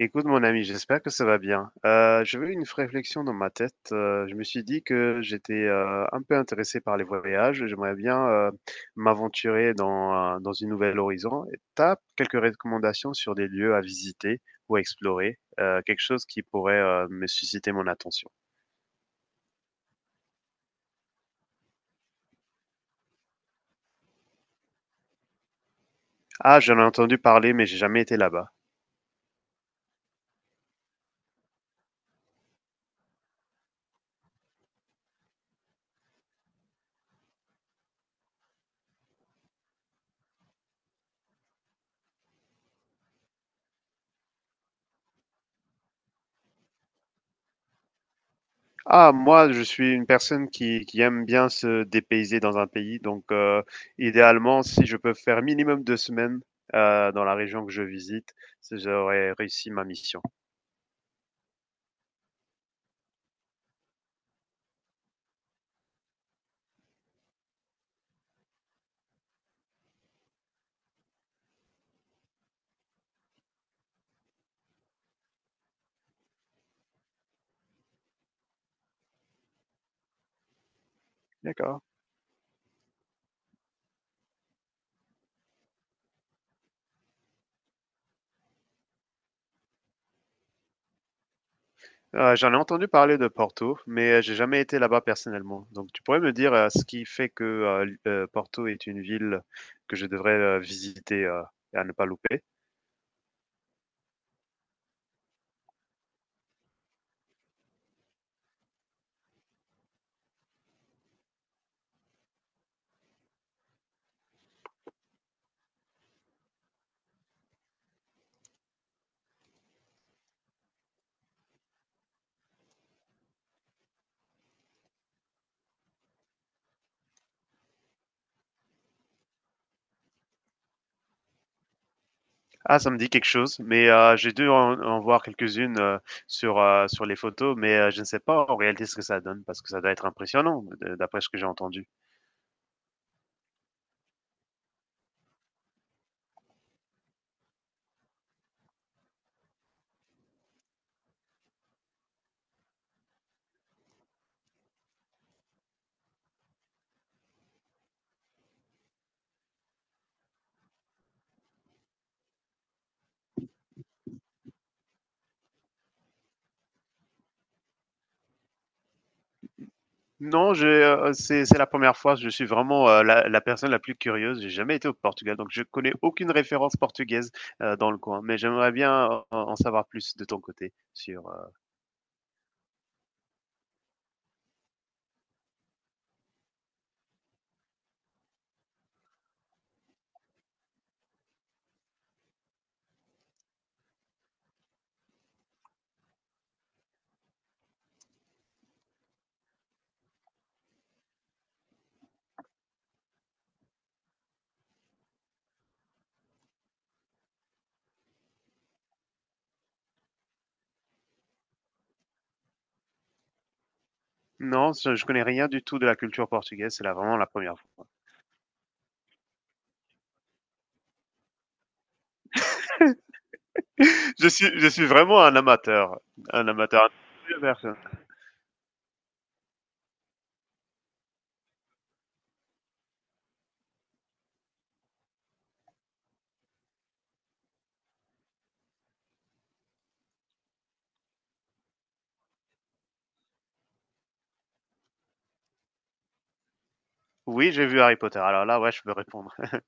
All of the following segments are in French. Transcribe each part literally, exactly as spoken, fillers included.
Écoute, mon ami, j'espère que ça va bien. Euh, j'avais une réflexion dans ma tête. Euh, je me suis dit que j'étais euh, un peu intéressé par les voyages. et J'aimerais bien euh, m'aventurer dans, euh, dans une nouvelle horizon. Et t'as quelques recommandations sur des lieux à visiter ou à explorer, euh, quelque chose qui pourrait euh, me susciter mon attention. Ah, j'en ai entendu parler, mais j'ai jamais été là-bas. Ah, moi, je suis une personne qui, qui aime bien se dépayser dans un pays. Donc, euh, idéalement, si je peux faire minimum deux semaines euh, dans la région que je visite, c'est- j'aurais réussi ma mission. D'accord. Euh, j'en ai entendu parler de Porto, mais euh, j'ai jamais été là-bas personnellement. Donc, tu pourrais me dire euh, ce qui fait que euh, l- euh, Porto est une ville que je devrais euh, visiter euh, et à ne pas louper? Ah, ça me dit quelque chose, mais heu, j'ai dû en en voir quelques-unes, heu, sur, heu, sur les photos, mais heu, je ne sais pas en réalité ce que ça donne parce que ça doit être impressionnant de d'après ce que j'ai entendu. Non, j'ai, heu, c'est c'est la première fois, je suis vraiment, heu, la la personne la plus curieuse, j'ai jamais été au Portugal, donc je connais aucune référence portugaise, heu, dans le coin, mais j'aimerais bien en en savoir plus de ton côté sur, heu non, je je connais rien du tout de la culture portugaise, c'est là vraiment la première fois. Je suis je suis vraiment un amateur, un amateur. Oui, j'ai vu Harry Potter. Alors là, ouais, je peux répondre.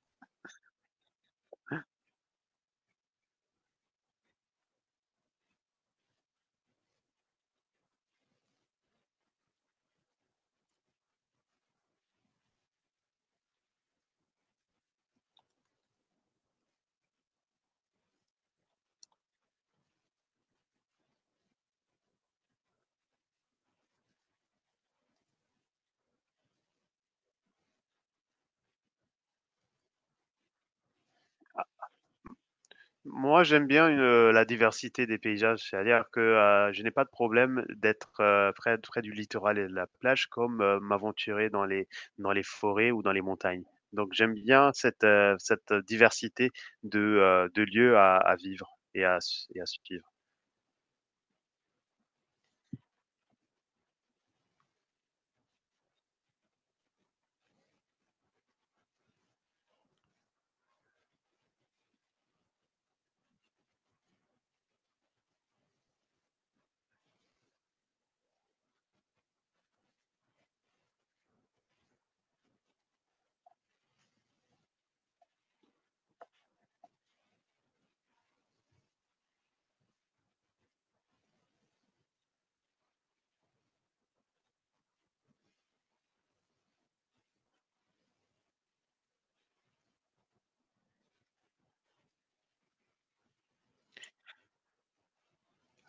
Moi, j'aime bien une, euh, la diversité des paysages, c'est-à-dire que euh, je n'ai pas de problème d'être euh, près, près du littoral et de la plage comme euh, m'aventurer dans les, dans les forêts ou dans les montagnes. Donc, j'aime bien cette, euh, cette diversité de, euh, de lieux à, à vivre et à, su- et à suivre.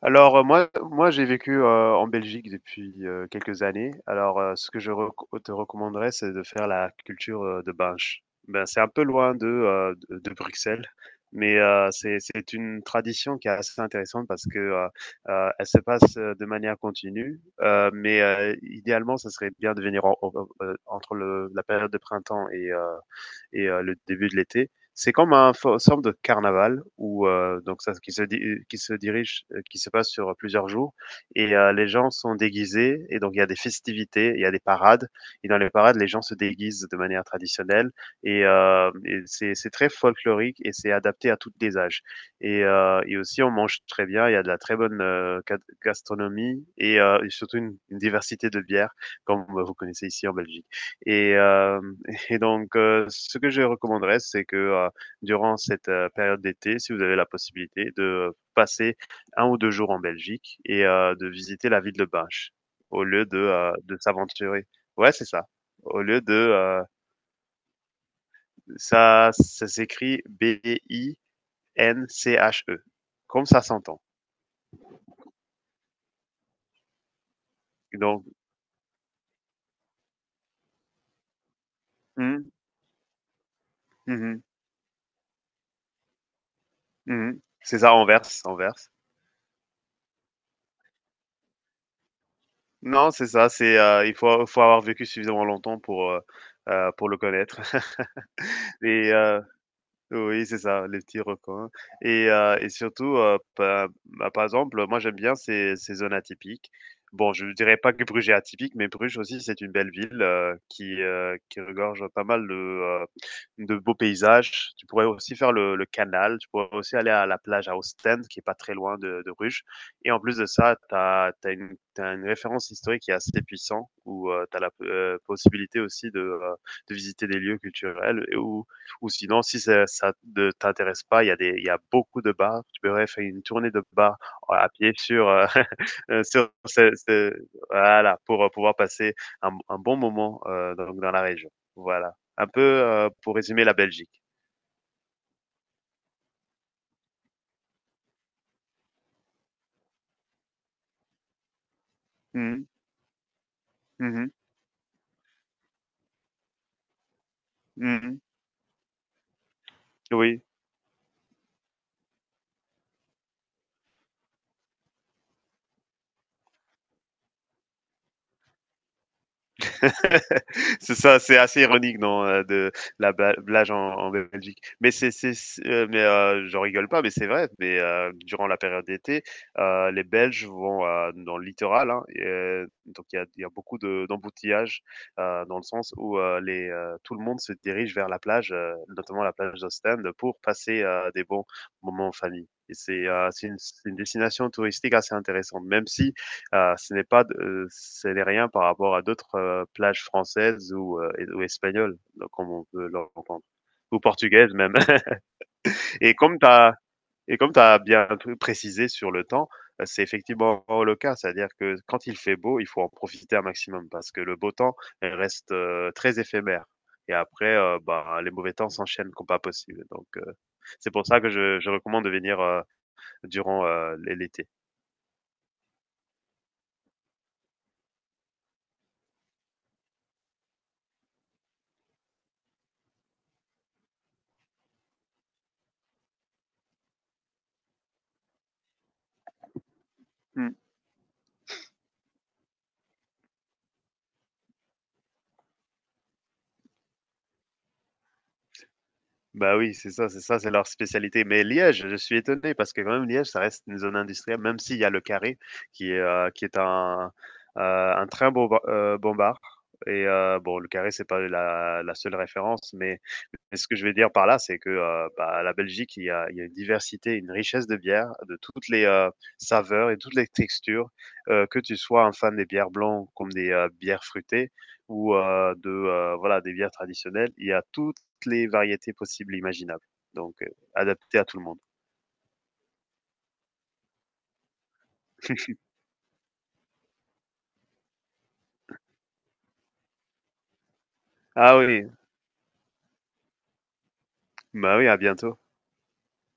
Alors, heu, moi moi j'ai vécu, heu, en Belgique depuis, heu, quelques années. Alors, heu, ce que je reco te recommanderais, c'est de faire la culture, heu, de Binche. Ben, c'est un peu loin de, heu, de de Bruxelles, mais, heu, c'est c'est une tradition qui est assez intéressante parce que, heu heu, elle se passe, heu, de manière continue, heu, mais, heu, idéalement, ça serait bien de venir en en, heu, entre le la période de printemps et heu et euh, le début de l'été. C'est comme un forme de carnaval où euh, donc ça qui se di qui se dirige euh, qui se passe sur plusieurs jours et euh, les gens sont déguisés et donc il y a des festivités, il y a des parades et dans les parades les gens se déguisent de manière traditionnelle et, euh, et c'est c'est très folklorique et c'est adapté à tous les âges. Et, euh, et aussi on mange très bien, il y a de la très bonne euh, ga- gastronomie et, euh, et surtout une, une, diversité de bières comme vous connaissez ici en Belgique. Et euh, et donc, heu, ce que je recommanderais, c'est que, heu, durant cette, heu, période d'été, si vous avez la possibilité de passer un ou deux jours en Belgique et heu, de visiter la ville de Binche au lieu de, heu, de s'aventurer. Ouais, c'est ça. Au lieu de, heu, ça ça s'écrit B-I-N-C-H-E, comme ça s'entend. Donc mmh, mmh mh, mmh mh. C'est ça, Anvers, Anvers. Non, c'est ça, c'est, heu, il faut faut avoir vécu suffisamment longtemps pour, heu heu, pour le connaître. Et heu oui, c'est ça, les petits recoins et heu et surtout, heu, pa bah, par exemple, moi, j'aime bien ces ces zones atypiques. Bon, je ne dirais pas que Bruges est atypique, mais Bruges aussi, c'est une belle ville, heu, qui, heu, qui regorge pas mal de, heu, de beaux paysages. Tu pourrais aussi faire le le canal, tu pourrais aussi aller à la plage à Ostende, qui est pas très loin de de Bruges et en plus de ça, tu as une tu une référence historique qui est assez puissante où, heu, tu as la, heu, possibilité aussi de, heu, de visiter des lieux culturels et où ou sinon, si ça, ça ne t'intéresse pas, il y a des, il y a beaucoup de bars. Tu pourrais faire une tournée de bars euh, à pied sur, euh, sur ce, ce- voilà, pour euh, pouvoir passer un, un bon moment euh, donc dans la région. Voilà. Un peu euh, pour résumer la Belgique. Mhm, mhm, mhm. Oui. C'est ça, c'est assez ironique, non, euh, de la bla- blage en, en Belgique. Mais c'est, c'est, c'est- euh, mais euh, j'en rigole pas, mais c'est vrai. Mais euh, durant la période d'été, euh, les Belges vont euh, dans le littoral, hein, et, euh, donc il y a, il y a beaucoup de, d'embouteillages euh, dans le sens où euh, les, euh, tout le monde se dirige vers la plage, euh, notamment la plage d'Ostende, pour passer euh, des bons moments en famille. Et c'est, euh, c'est une, c'est une destination touristique assez intéressante, même si heu, ce n'est pas de euh, ce n'est rien par rapport à d'autres, heu, plages françaises ou, heu, ou espagnoles, donc, comme on peut l'entendre, ou portugaises même. Et comme tu as et comme tu as bien p précisé sur le temps, heu, c'est effectivement le cas. C'est-à-dire que quand il fait beau, il faut en profiter un maximum parce que le beau temps il reste, heu, très éphémère et après, heu, bah, les mauvais temps s'enchaînent comme pas possible. Donc, heu, c'est pour ça que je je recommande de venir, heu, durant, heu, l'été. Bah oui, c'est ça, c'est ça, c'est leur spécialité. Mais Liège, je suis étonné parce que quand même Liège, ça reste une zone industrielle, même s'il y a le carré qui est, euh, qui est un, euh, un train bomba- euh, bombard. Et euh, bon, le carré, c'est pas la, la seule référence, mais, mais ce que je veux dire par là, c'est que euh, bah, la Belgique, il y a, il y a une diversité, une richesse de bières, de toutes les euh, saveurs et toutes les textures. Euh, que tu sois un fan des bières blancs comme des euh, bières fruitées ou euh, de euh, voilà des bières traditionnelles, il y a tout les variétés possibles et imaginables. Donc, euh, adapté à tout le monde. Ah oui, bah oui, à bientôt.